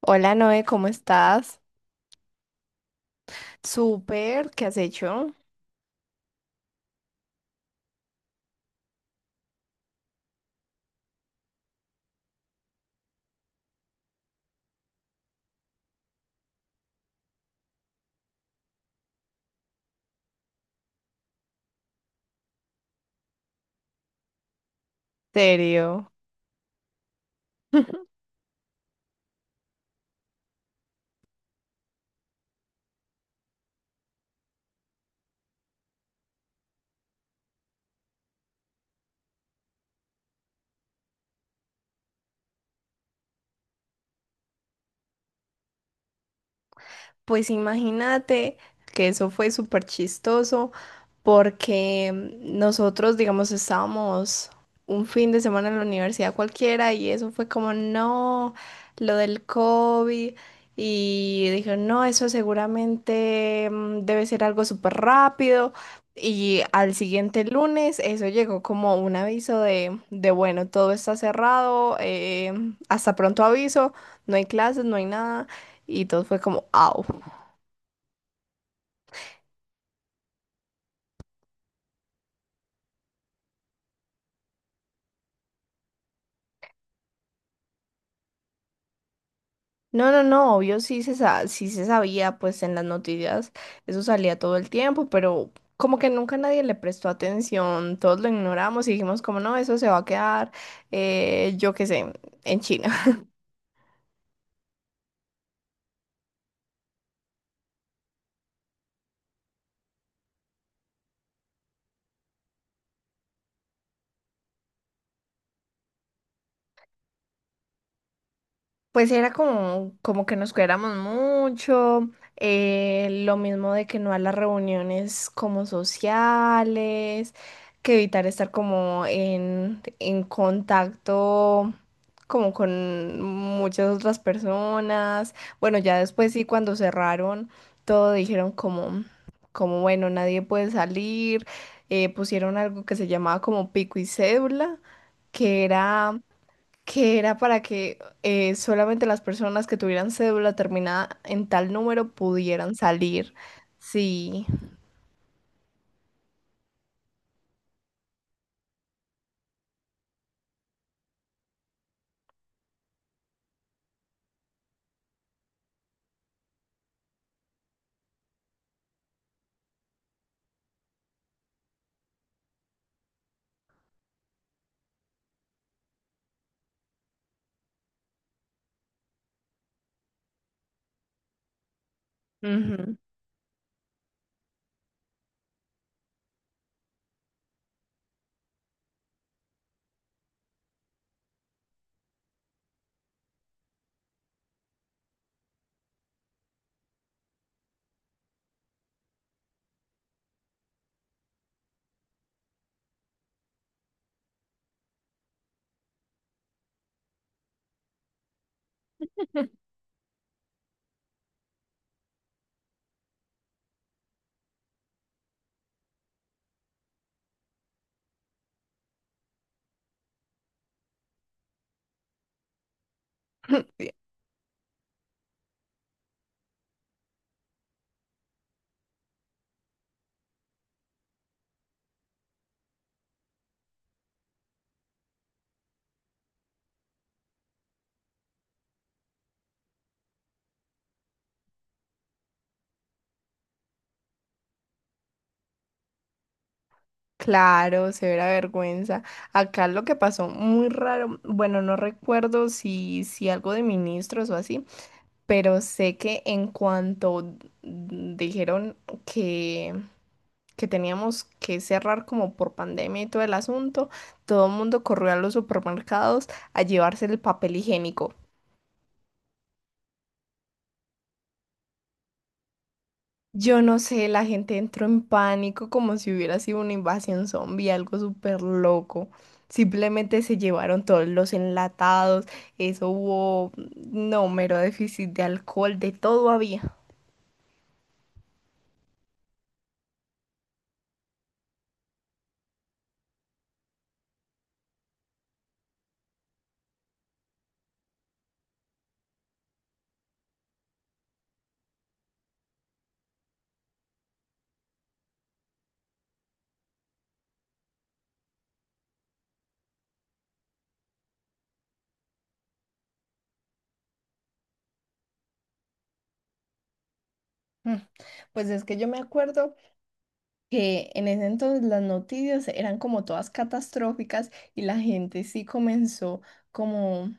Hola Noé, ¿cómo estás? Súper, ¿qué has hecho? ¿Serio? Pues imagínate que eso fue súper chistoso porque nosotros, digamos, estábamos un fin de semana en la universidad cualquiera y eso fue como, no, lo del COVID. Y dije, no, eso seguramente debe ser algo súper rápido. Y al siguiente lunes eso llegó como un aviso de bueno, todo está cerrado, hasta pronto aviso, no hay clases, no hay nada. Y todo fue como, au. No, no, no, obvio sí se, sí se sabía, pues en las noticias eso salía todo el tiempo, pero como que nunca nadie le prestó atención, todos lo ignoramos y dijimos como no, eso se va a quedar, yo qué sé, en China. Pues era como, como que nos cuidáramos mucho, lo mismo de que no a las reuniones como sociales, que evitar estar como en contacto como con muchas otras personas. Bueno, ya después sí, cuando cerraron, todo dijeron como, como bueno, nadie puede salir, pusieron algo que se llamaba como pico y cédula que era que era para que solamente las personas que tuvieran cédula terminada en tal número pudieran salir. Sí. Ujú. Claro, severa vergüenza. Acá lo que pasó muy raro, bueno, no recuerdo si, si algo de ministros o así, pero sé que en cuanto dijeron que, que teníamos que cerrar como por pandemia y todo el asunto, todo el mundo corrió a los supermercados a llevarse el papel higiénico. Yo no sé, la gente entró en pánico como si hubiera sido una invasión zombie, algo súper loco. Simplemente se llevaron todos los enlatados, eso hubo, no, mero déficit de alcohol, de todo había. Mm, Pues es que yo me acuerdo que en ese entonces las noticias eran como todas catastróficas y la gente sí comenzó como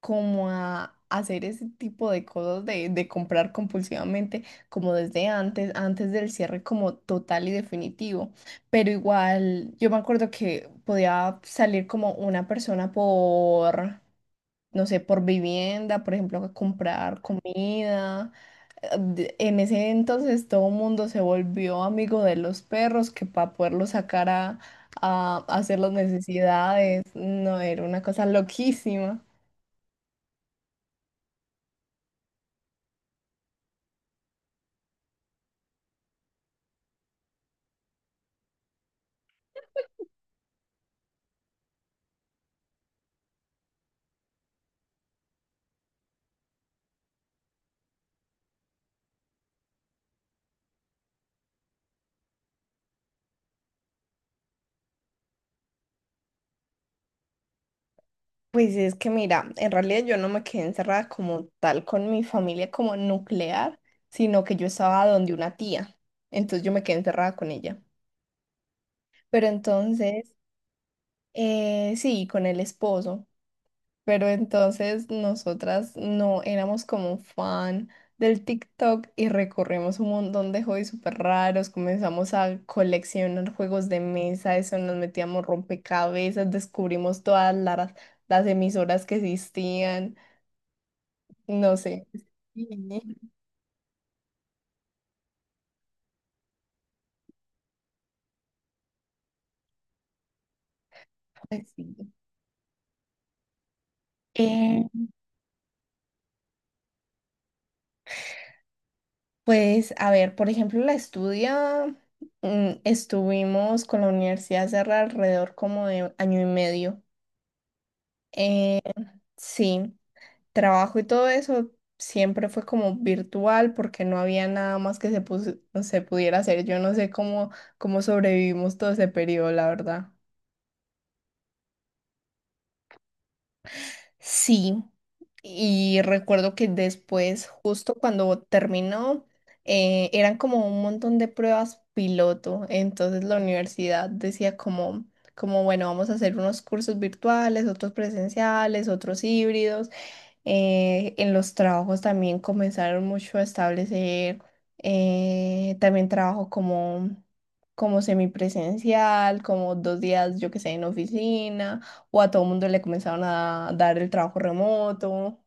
como a hacer ese tipo de cosas de comprar compulsivamente como desde antes, antes del cierre como total y definitivo. Pero igual, yo me acuerdo que podía salir como una persona por, no sé, por vivienda, por ejemplo, a comprar comida. En ese entonces todo el mundo se volvió amigo de los perros que para poderlos sacar a hacer las necesidades, no, era una cosa loquísima. Pues es que mira, en realidad yo no me quedé encerrada como tal con mi familia como nuclear, sino que yo estaba donde una tía, entonces yo me quedé encerrada con ella. Pero entonces, sí, con el esposo, pero entonces nosotras no éramos como fan del TikTok y recorrimos un montón de hobbies súper raros, comenzamos a coleccionar juegos de mesa, eso nos metíamos rompecabezas, descubrimos todas las emisoras que existían. No sé. Sí. Ay, sí. Eh, pues, a ver, por ejemplo, la estudia, estuvimos con la universidad hace alrededor como de año y medio. Eh, sí, trabajo y todo eso siempre fue como virtual porque no había nada más que se, se pudiera hacer. Yo no sé cómo, cómo sobrevivimos todo ese periodo, la verdad. Sí, y recuerdo que después, justo cuando terminó, eran como un montón de pruebas piloto. Entonces la universidad decía como, como, bueno, vamos a hacer unos cursos virtuales, otros presenciales, otros híbridos en los trabajos también comenzaron mucho a establecer también trabajo como, como semipresencial, como 2 días, yo que sé, en oficina, o a todo el mundo le comenzaron a dar el trabajo remoto.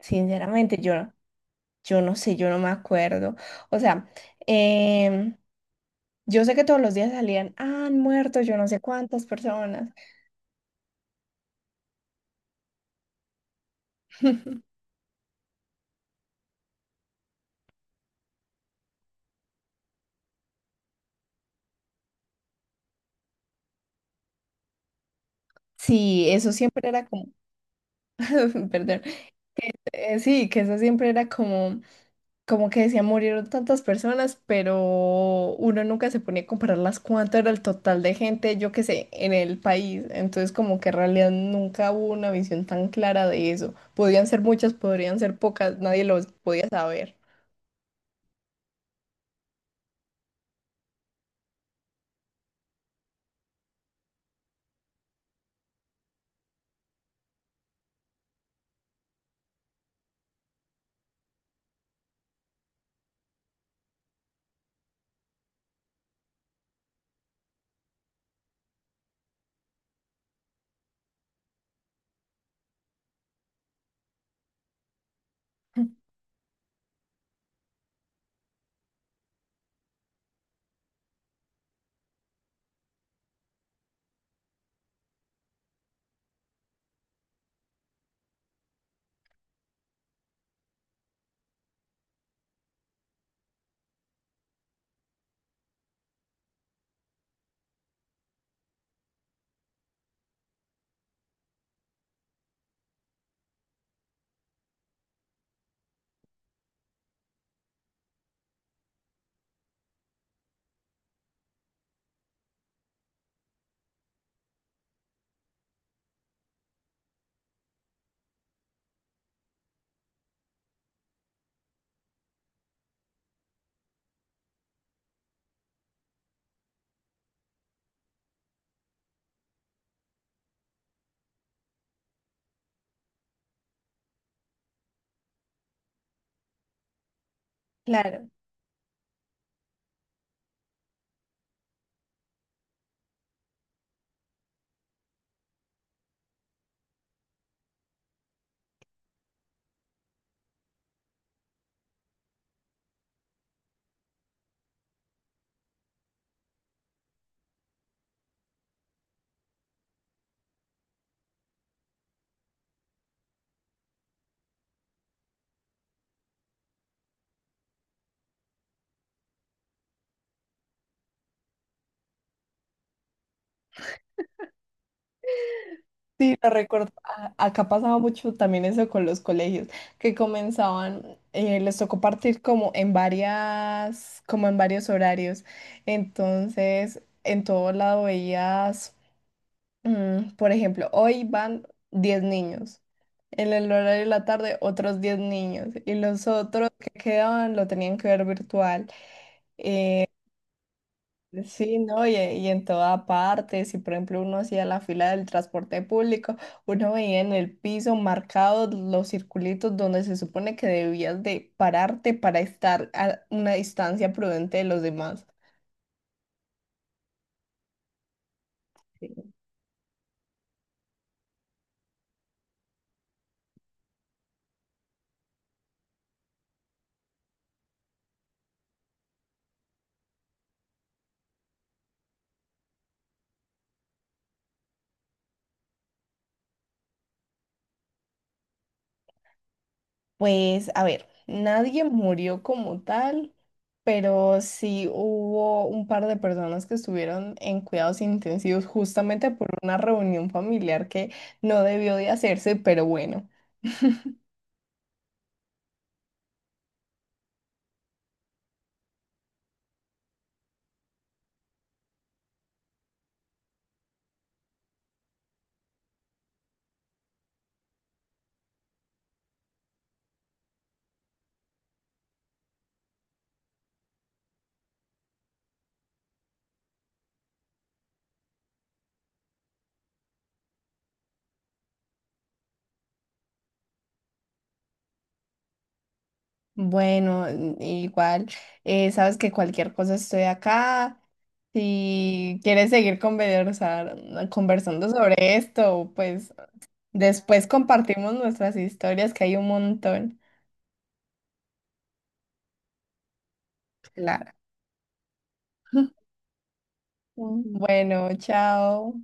Sinceramente, yo, yo no sé, yo no me acuerdo. O sea, em, yo sé que todos los días salían, "Ah, han muerto yo no sé cuántas personas. Sí, eso siempre era como, perdón, sí, que eso siempre era como... como que decía, murieron tantas personas, pero uno nunca se ponía a compararlas cuánto era el total de gente, yo qué sé, en el país. Entonces, como que en realidad nunca hubo una visión tan clara de eso. Podían ser muchas, podrían ser pocas, nadie los podía saber. Claro. Sí, lo recuerdo. Acá pasaba mucho también eso con los colegios, que comenzaban, les tocó partir como en varias, como en varios horarios. Entonces, en todo lado veías por ejemplo, hoy van 10 niños. En el horario de la tarde, otros 10 niños. Y los otros que quedaban lo tenían que ver virtual. Sí, ¿no? Y en toda parte, si por ejemplo uno hacía la fila del transporte público, uno veía en el piso marcados los circulitos donde se supone que debías de pararte para estar a una distancia prudente de los demás. Pues, a ver, nadie murió como tal, pero sí hubo un par de personas que estuvieron en cuidados intensivos justamente por una reunión familiar que no debió de hacerse, pero bueno, bueno, igual, sabes que cualquier cosa estoy acá. Si quieres seguir conversar, conversando sobre esto, pues después compartimos nuestras historias, que hay un montón. Claro. Bueno, chao.